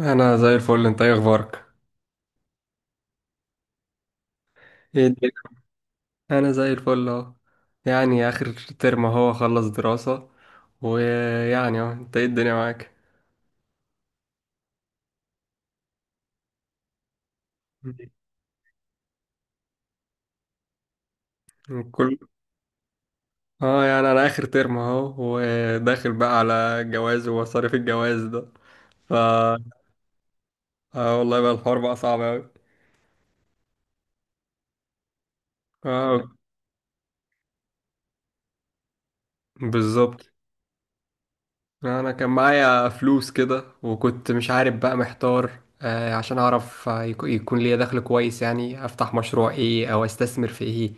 انا زي الفل. انت ايه اخبارك؟ ايه الدنيا؟ انا زي الفل اهو. يعني اخر ترم اهو، خلص دراسة. ويعني اهو، انت ايه الدنيا معاك؟ كل اه، يعني انا اخر ترم اهو، وداخل بقى على جواز ومصاريف الجواز ده. ف اه والله بقى الحوار بقى صعب اوي. اه. بالظبط. انا كان معايا فلوس كده، وكنت مش عارف بقى، محتار. عشان اعرف، يكون ليا دخل كويس، يعني افتح مشروع ايه او استثمر في ايه.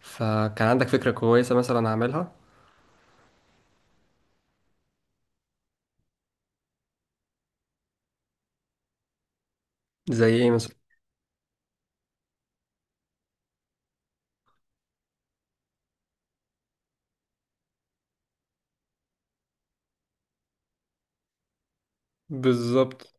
فكان عندك فكرة كويسة مثلا اعملها. زي ايه مثلا؟ بالظبط.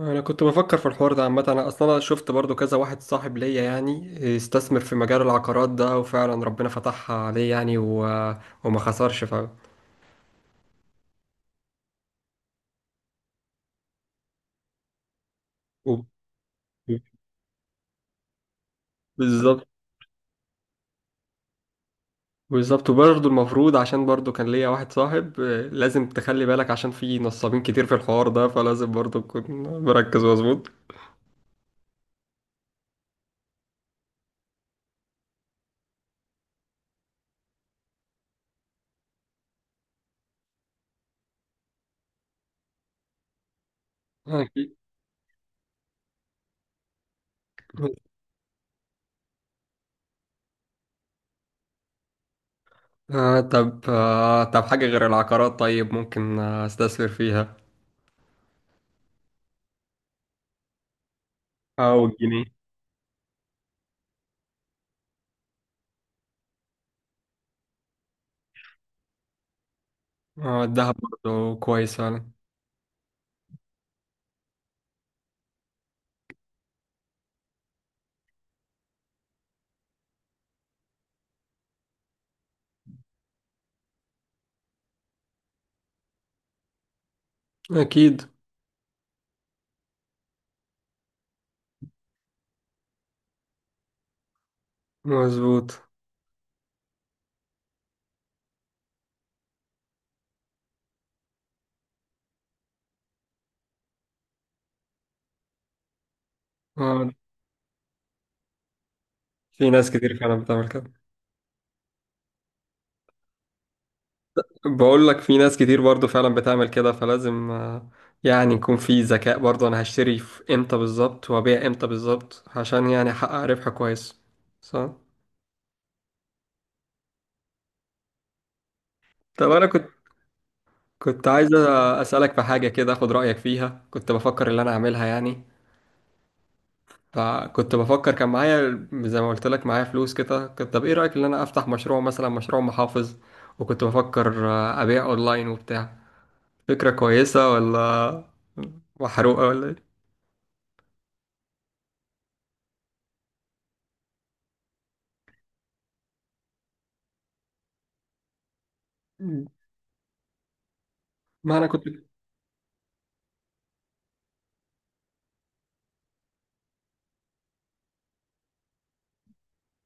انا كنت بفكر في الحوار ده عامه. انا اصلا أنا شفت برضو كذا واحد صاحب ليا، يعني استثمر في مجال العقارات ده، وفعلا ربنا فتحها عليه يعني. وما خسرش. و- بالظبط. بالظبط. وبرضه المفروض، عشان برضه كان ليا واحد صاحب، لازم تخلي بالك، عشان في نصابين كتير في الحوار ده، فلازم برضه تكون مركز مظبوط. أكيد. آه، طب حاجة غير العقارات، طيب ممكن استثمر فيها؟ أو الجنيه. آه، الذهب برضه كويس فعلا. أكيد. مظبوط. آه. في ناس كتير فعلا بتعمل كده. بقول لك في ناس كتير برضو فعلا بتعمل كده، فلازم، يعني يكون في ذكاء، برضو انا هشتري في امتى بالظبط وابيع امتى بالظبط، عشان يعني احقق ربح كويس. صح. طب انا كنت عايز اسالك في حاجه كده، اخد رايك فيها. كنت بفكر اللي انا اعملها يعني. فكنت بفكر، كان معايا زي ما قلت لك معايا فلوس كده، كنت، طب ايه رايك ان انا افتح مشروع، مثلا مشروع محافظ. وكنت بفكر ابيع اونلاين وبتاع. فكره كويسه، ولا محروقه، ولا إيه؟ ما انا كنت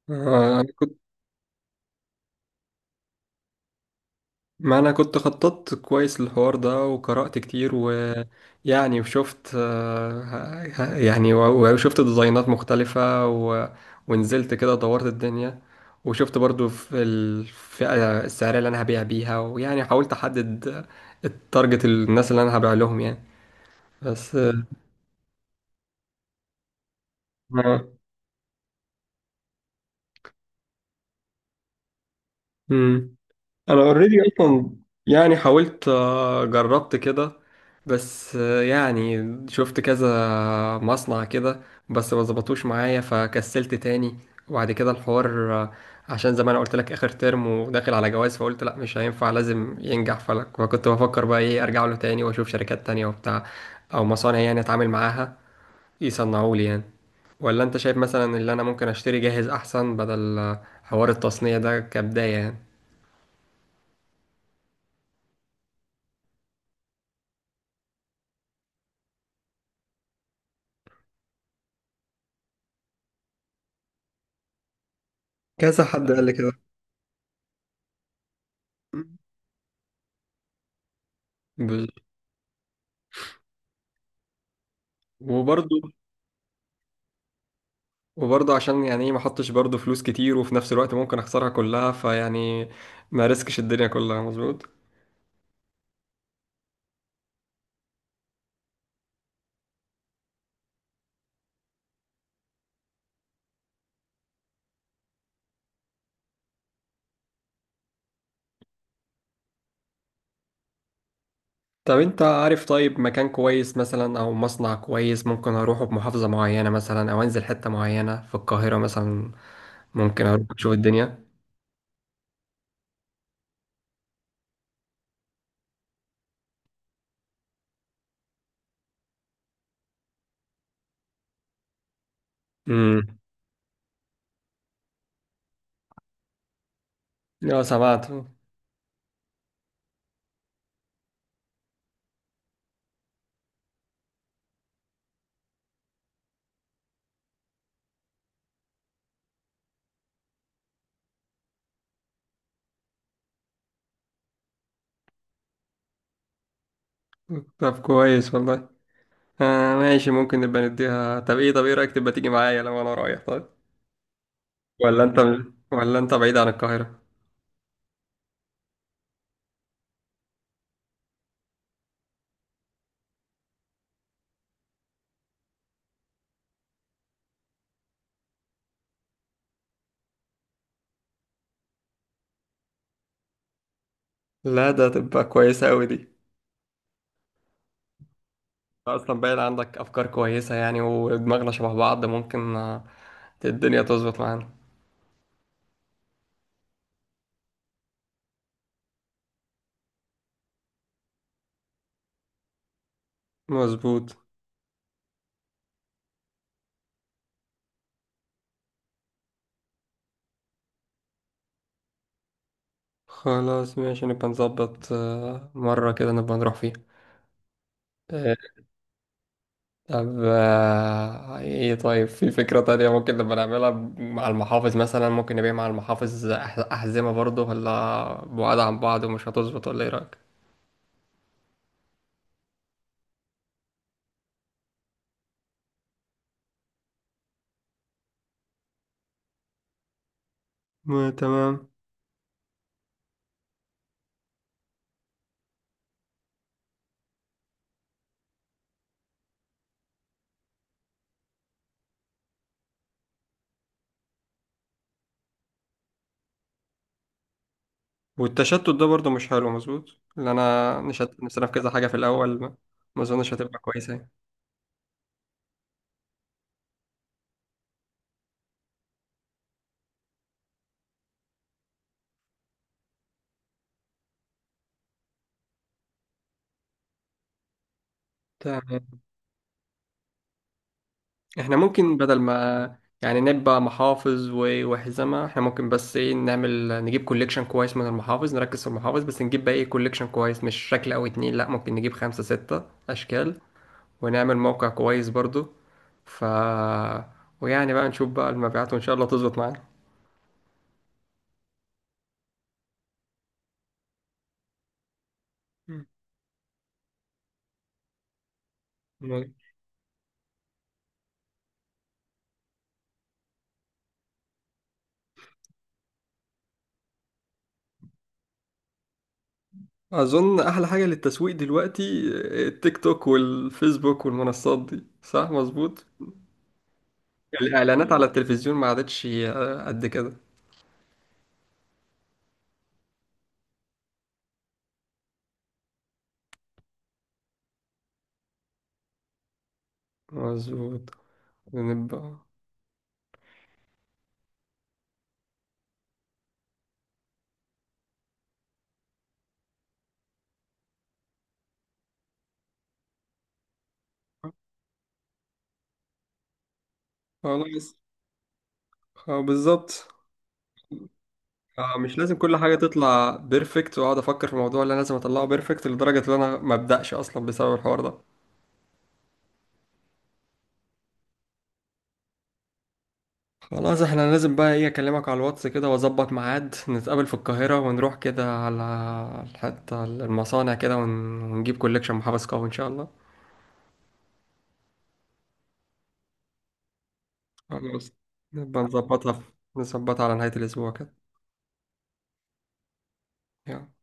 آه، أنا كنت ما أنا كنت خططت كويس للحوار ده، وقرأت كتير، ويعني وشفت وشفت ديزاينات مختلفة. ونزلت كده دورت الدنيا، وشفت برضو في الفئة السعرية اللي أنا هبيع بيها، ويعني حاولت أحدد التارجت، الناس اللي أنا هبيع لهم يعني. بس آه، مم. انا اوريدي اصلا، يعني حاولت، جربت كده، بس شفت كذا مصنع كده، بس ما ظبطوش معايا فكسلت تاني. وبعد كده الحوار، عشان زي ما انا قلت لك، اخر ترم وداخل على جواز، فقلت لا مش هينفع لازم ينجح فلك. فكنت بفكر بقى ايه، ارجع له تاني واشوف شركات تانية وبتاع، او مصانع يعني اتعامل معاها يصنعوا لي يعني، ولا انت شايف مثلا اللي انا ممكن اشتري جاهز احسن، بدل حوار التصنيع ده كبداية يعني؟ كذا حد قال لي كده. بز- وبرضه وبرضه عشان يعني ايه، ما احطش برضه فلوس كتير، وفي نفس الوقت ممكن اخسرها كلها، فيعني ما ريسكش الدنيا كلها، مظبوط. طب انت عارف طيب مكان كويس مثلا، او مصنع كويس ممكن اروحه بمحافظة معينة مثلا، او انزل حتة معينة في القاهرة مثلا؟ ممكن اروح اشوف الدنيا. امم. اه، سمعت. طب كويس والله. آه ماشي، ممكن نبقى نديها. طب ايه رأيك تبقى تيجي معايا لو انا رايح؟ طيب. ولا انت، ولا انت بعيد عن القاهرة؟ لا، ده تبقى كويسة أوي دي. اصلا باين عندك افكار كويسه يعني، ودماغنا شبه بعض، ممكن الدنيا تظبط معانا. مظبوط. خلاص ماشي، نبقى نظبط، مرة كده نبقى نروح فيها. آه، طب ايه، طيب في فكرة تانية ممكن نبقى نعملها مع المحافظ مثلا، ممكن نبيع مع المحافظ أحزمة برضه، ولا بعاد عن بعض ومش هتظبط، ولا ايه رأيك؟ ما تمام. والتشتت ده برضه مش حلو، مظبوط، اللي انا نشتت نفسنا في كذا حاجة في الأول. ما اظنش هتبقى كويسة يعني. تمام. احنا ممكن بدل ما يعني نبقى محافظ وحزمة، احنا ممكن بس ايه، نعمل نجيب كوليكشن كويس من المحافظ، نركز في المحافظ بس، نجيب بقى ايه كوليكشن كويس، مش شكل او اتنين، لا ممكن نجيب خمسة ستة اشكال، ونعمل موقع كويس برضو. ف ويعني بقى نشوف بقى المبيعات، وان شاء الله تظبط معانا. مم. اظن احلى حاجة للتسويق دلوقتي التيك توك والفيسبوك والمنصات دي، صح؟ مظبوط. الاعلانات على التلفزيون ما عادتش قد كده. مظبوط. نبقى. خلاص. اه بالظبط. اه، مش لازم كل حاجة تطلع بيرفكت، واقعد افكر في الموضوع اللي انا لازم اطلعه بيرفكت لدرجة ان انا ما ابدأش اصلا بسبب الحوار ده. خلاص، احنا لازم بقى ايه، اكلمك على الواتس كده، واظبط ميعاد نتقابل في القاهرة، ونروح كده على حتة المصانع كده، ونجيب كوليكشن محبس قوي ان شاء الله. خلاص. نبقى نظبطها. نظبطها على نهاية الاسبوع كده. يلا